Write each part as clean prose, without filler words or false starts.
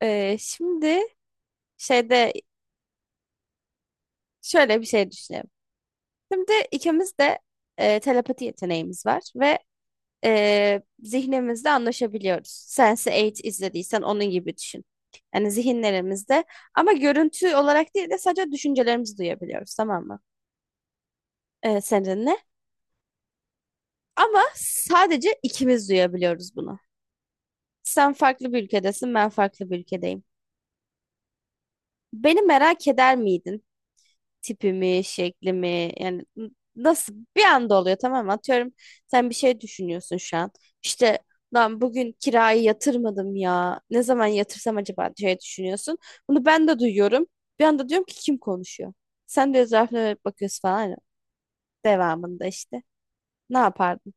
Şimdi şeyde şöyle bir şey düşünelim. Şimdi ikimiz de telepati yeteneğimiz var ve zihnimizde anlaşabiliyoruz. Sense8 izlediysen onun gibi düşün. Yani zihinlerimizde ama görüntü olarak değil de sadece düşüncelerimizi duyabiliyoruz, tamam mı? Seninle. Ama sadece ikimiz duyabiliyoruz bunu. Sen farklı bir ülkedesin, ben farklı bir ülkedeyim. Beni merak eder miydin? Tipi mi, şekli mi? Yani nasıl bir anda oluyor, tamam mı? Atıyorum, sen bir şey düşünüyorsun şu an. İşte, lan bugün kirayı yatırmadım ya. Ne zaman yatırsam acaba diye düşünüyorsun. Bunu ben de duyuyorum. Bir anda diyorum ki kim konuşuyor? Sen de etrafına dönüp bakıyorsun falan. Devamında işte. Ne yapardın?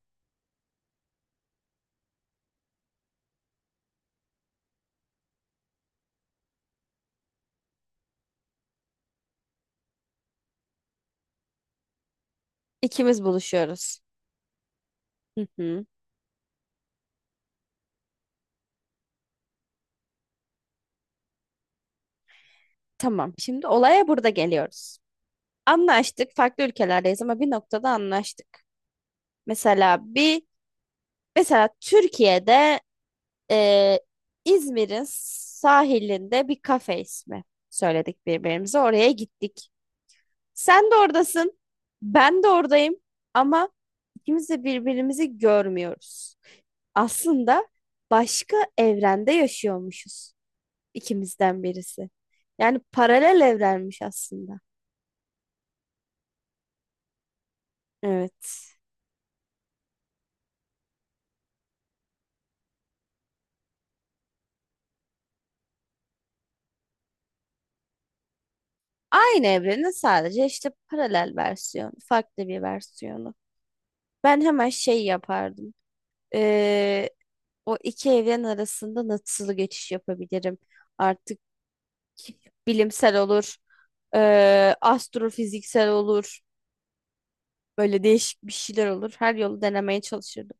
İkimiz buluşuyoruz. Hı hı. Tamam. Şimdi olaya burada geliyoruz. Anlaştık. Farklı ülkelerdeyiz ama bir noktada anlaştık. Mesela bir mesela Türkiye'de, Ee, İzmir'in sahilinde bir kafe ismi söyledik birbirimize. Oraya gittik. Sen de oradasın. Ben de oradayım. Ama ikimiz de birbirimizi görmüyoruz. Aslında başka evrende yaşıyormuşuz ikimizden birisi. Yani paralel evrenmiş aslında. Evet. Aynı evrenin sadece işte paralel versiyonu, farklı bir versiyonu. Ben hemen şey yapardım. Ee, O iki evren arasında nasıl geçiş yapabilirim? Artık bilimsel olur, astrofiziksel olur, böyle değişik bir şeyler olur. Her yolu denemeye çalışırdım.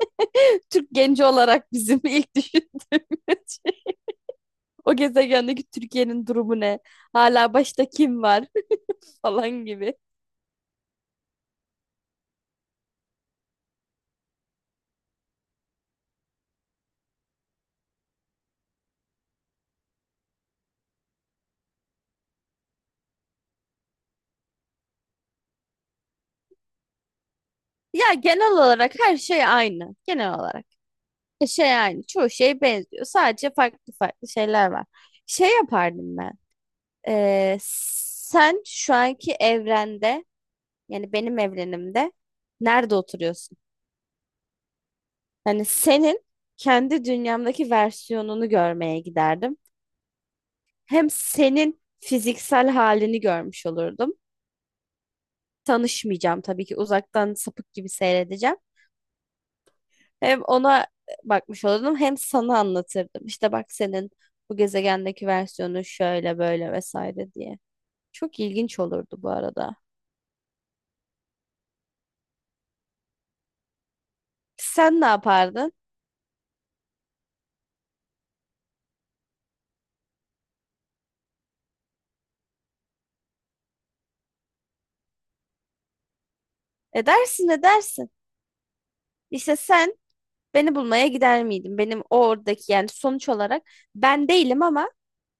Türk genci olarak bizim ilk düşündüğümüz şey. O gezegendeki Türkiye'nin durumu ne? Hala başta kim var falan gibi. Ya genel olarak her şey aynı. Genel olarak. Şey aynı. Çoğu şey benziyor. Sadece farklı farklı şeyler var. Şey yapardım ben. Sen şu anki evrende, yani benim evrenimde nerede oturuyorsun? Yani senin kendi dünyamdaki versiyonunu görmeye giderdim. Hem senin fiziksel halini görmüş olurdum. Tanışmayacağım tabii ki, uzaktan sapık gibi seyredeceğim. Hem ona bakmış olurdum, hem sana anlatırdım. İşte bak, senin bu gezegendeki versiyonu şöyle böyle vesaire diye. Çok ilginç olurdu bu arada. Sen ne yapardın? Edersin, edersin. İşte sen beni bulmaya gider miydin? Benim oradaki, yani sonuç olarak ben değilim ama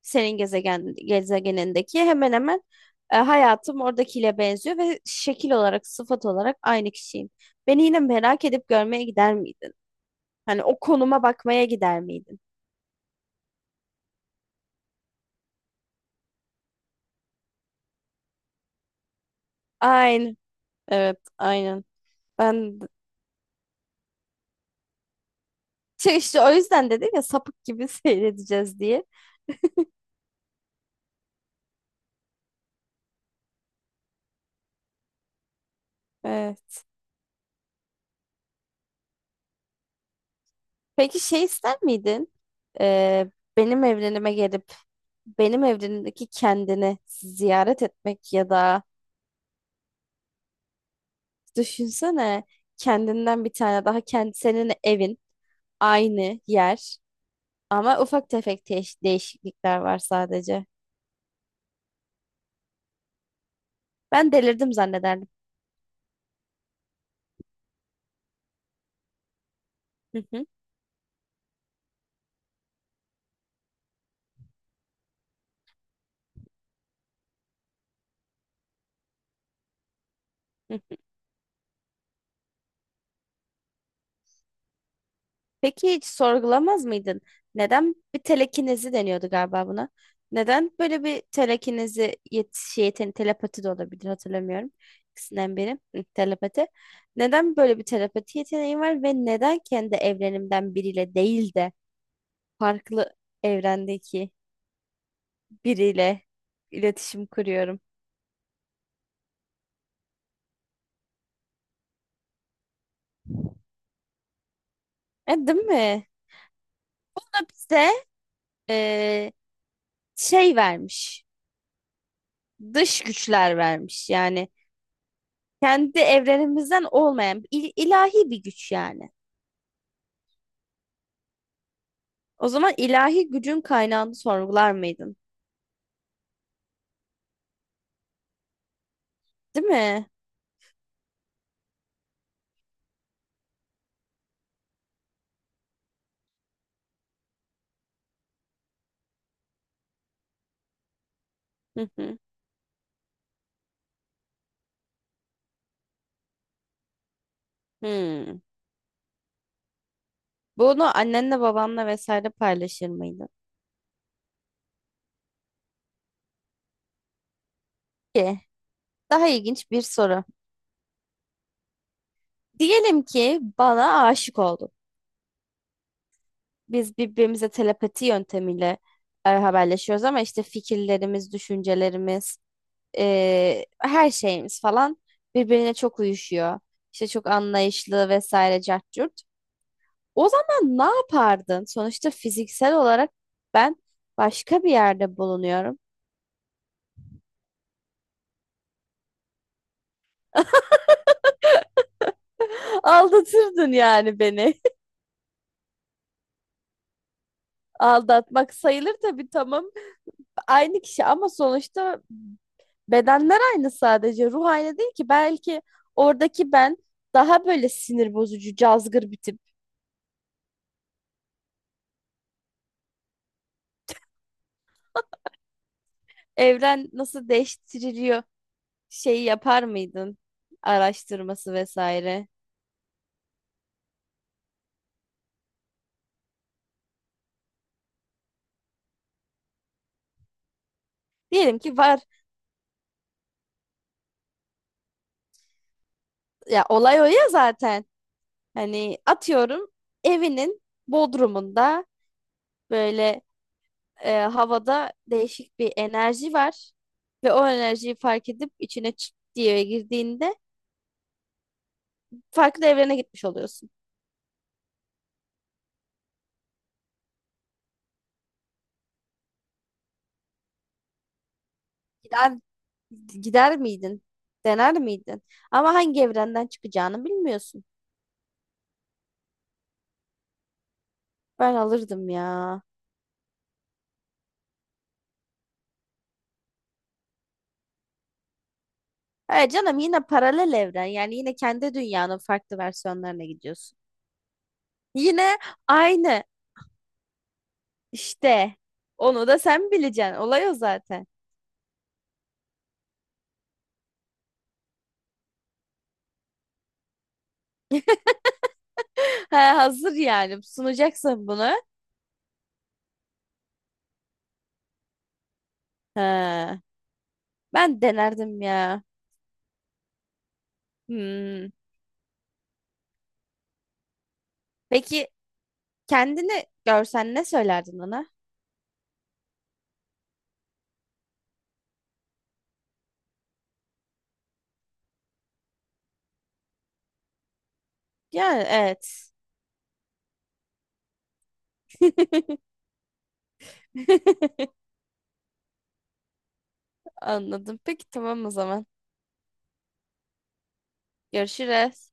senin gezegenindeki hemen hemen hayatım oradakiyle benziyor ve şekil olarak, sıfat olarak aynı kişiyim. Beni yine merak edip görmeye gider miydin? Hani o konuma bakmaya gider miydin? Aynen. Evet, aynen. Ben işte o yüzden dedim ya, sapık gibi seyredeceğiz diye. Evet. Peki şey ister miydin? E, benim evrenime gelip benim evrenimdeki kendini ziyaret etmek ya da. Düşünsene, kendinden bir tane daha, kendi senin evin, aynı yer, ama ufak tefek değişiklikler var sadece. Ben delirdim zannederdim. Hı hı, hı. Peki hiç sorgulamaz mıydın? Neden, bir telekinezi deniyordu galiba buna? Neden böyle bir telekinezi yet şey, yeten- telepati de olabilir, hatırlamıyorum. İkisinden biri, hı, telepati. Neden böyle bir telepati yeteneğin var ve neden kendi evrenimden biriyle değil de farklı evrendeki biriyle iletişim kuruyorum? Değil mi? Bu da bize, e, şey vermiş. Dış güçler vermiş. Yani kendi evrenimizden olmayan ilahi bir güç yani. O zaman ilahi gücün kaynağını sorgular mıydın? Değil mi? Hı hı. Hmm. Bunu annenle babanla vesaire paylaşır mıydın? Ki daha ilginç bir soru. Diyelim ki bana aşık oldun. Biz birbirimize telepati yöntemiyle haberleşiyoruz ama işte fikirlerimiz, düşüncelerimiz, her şeyimiz falan birbirine çok uyuşuyor. İşte çok anlayışlı vesaire, cart curt. O zaman ne yapardın? Sonuçta fiziksel olarak ben başka bir yerde bulunuyorum. Aldatırdın yani beni. Aldatmak sayılır tabii, tamam. Aynı kişi ama sonuçta. Bedenler aynı sadece. Ruh aynı değil ki. Belki oradaki ben daha böyle sinir bozucu, cazgır bir tip. Evren nasıl değiştiriliyor şeyi yapar mıydın? Araştırması vesaire. Diyelim ki var. Ya olay o ya zaten. Hani atıyorum, evinin bodrumunda böyle havada değişik bir enerji var. Ve o enerjiyi fark edip içine çıt diye girdiğinde farklı evrene gitmiş oluyorsun. Gider miydin? Dener miydin? Ama hangi evrenden çıkacağını bilmiyorsun. Ben alırdım ya. E canım, yine paralel evren. Yani yine kendi dünyanın farklı versiyonlarına gidiyorsun. Yine aynı işte. Onu da sen bileceksin. Olay o zaten. Ha, hazır yani. Sunacaksın bunu. Ha, ben denerdim ya. Hmm. Peki kendini görsen ne söylerdin ona? Yani evet. Anladım. Peki tamam o zaman. Görüşürüz.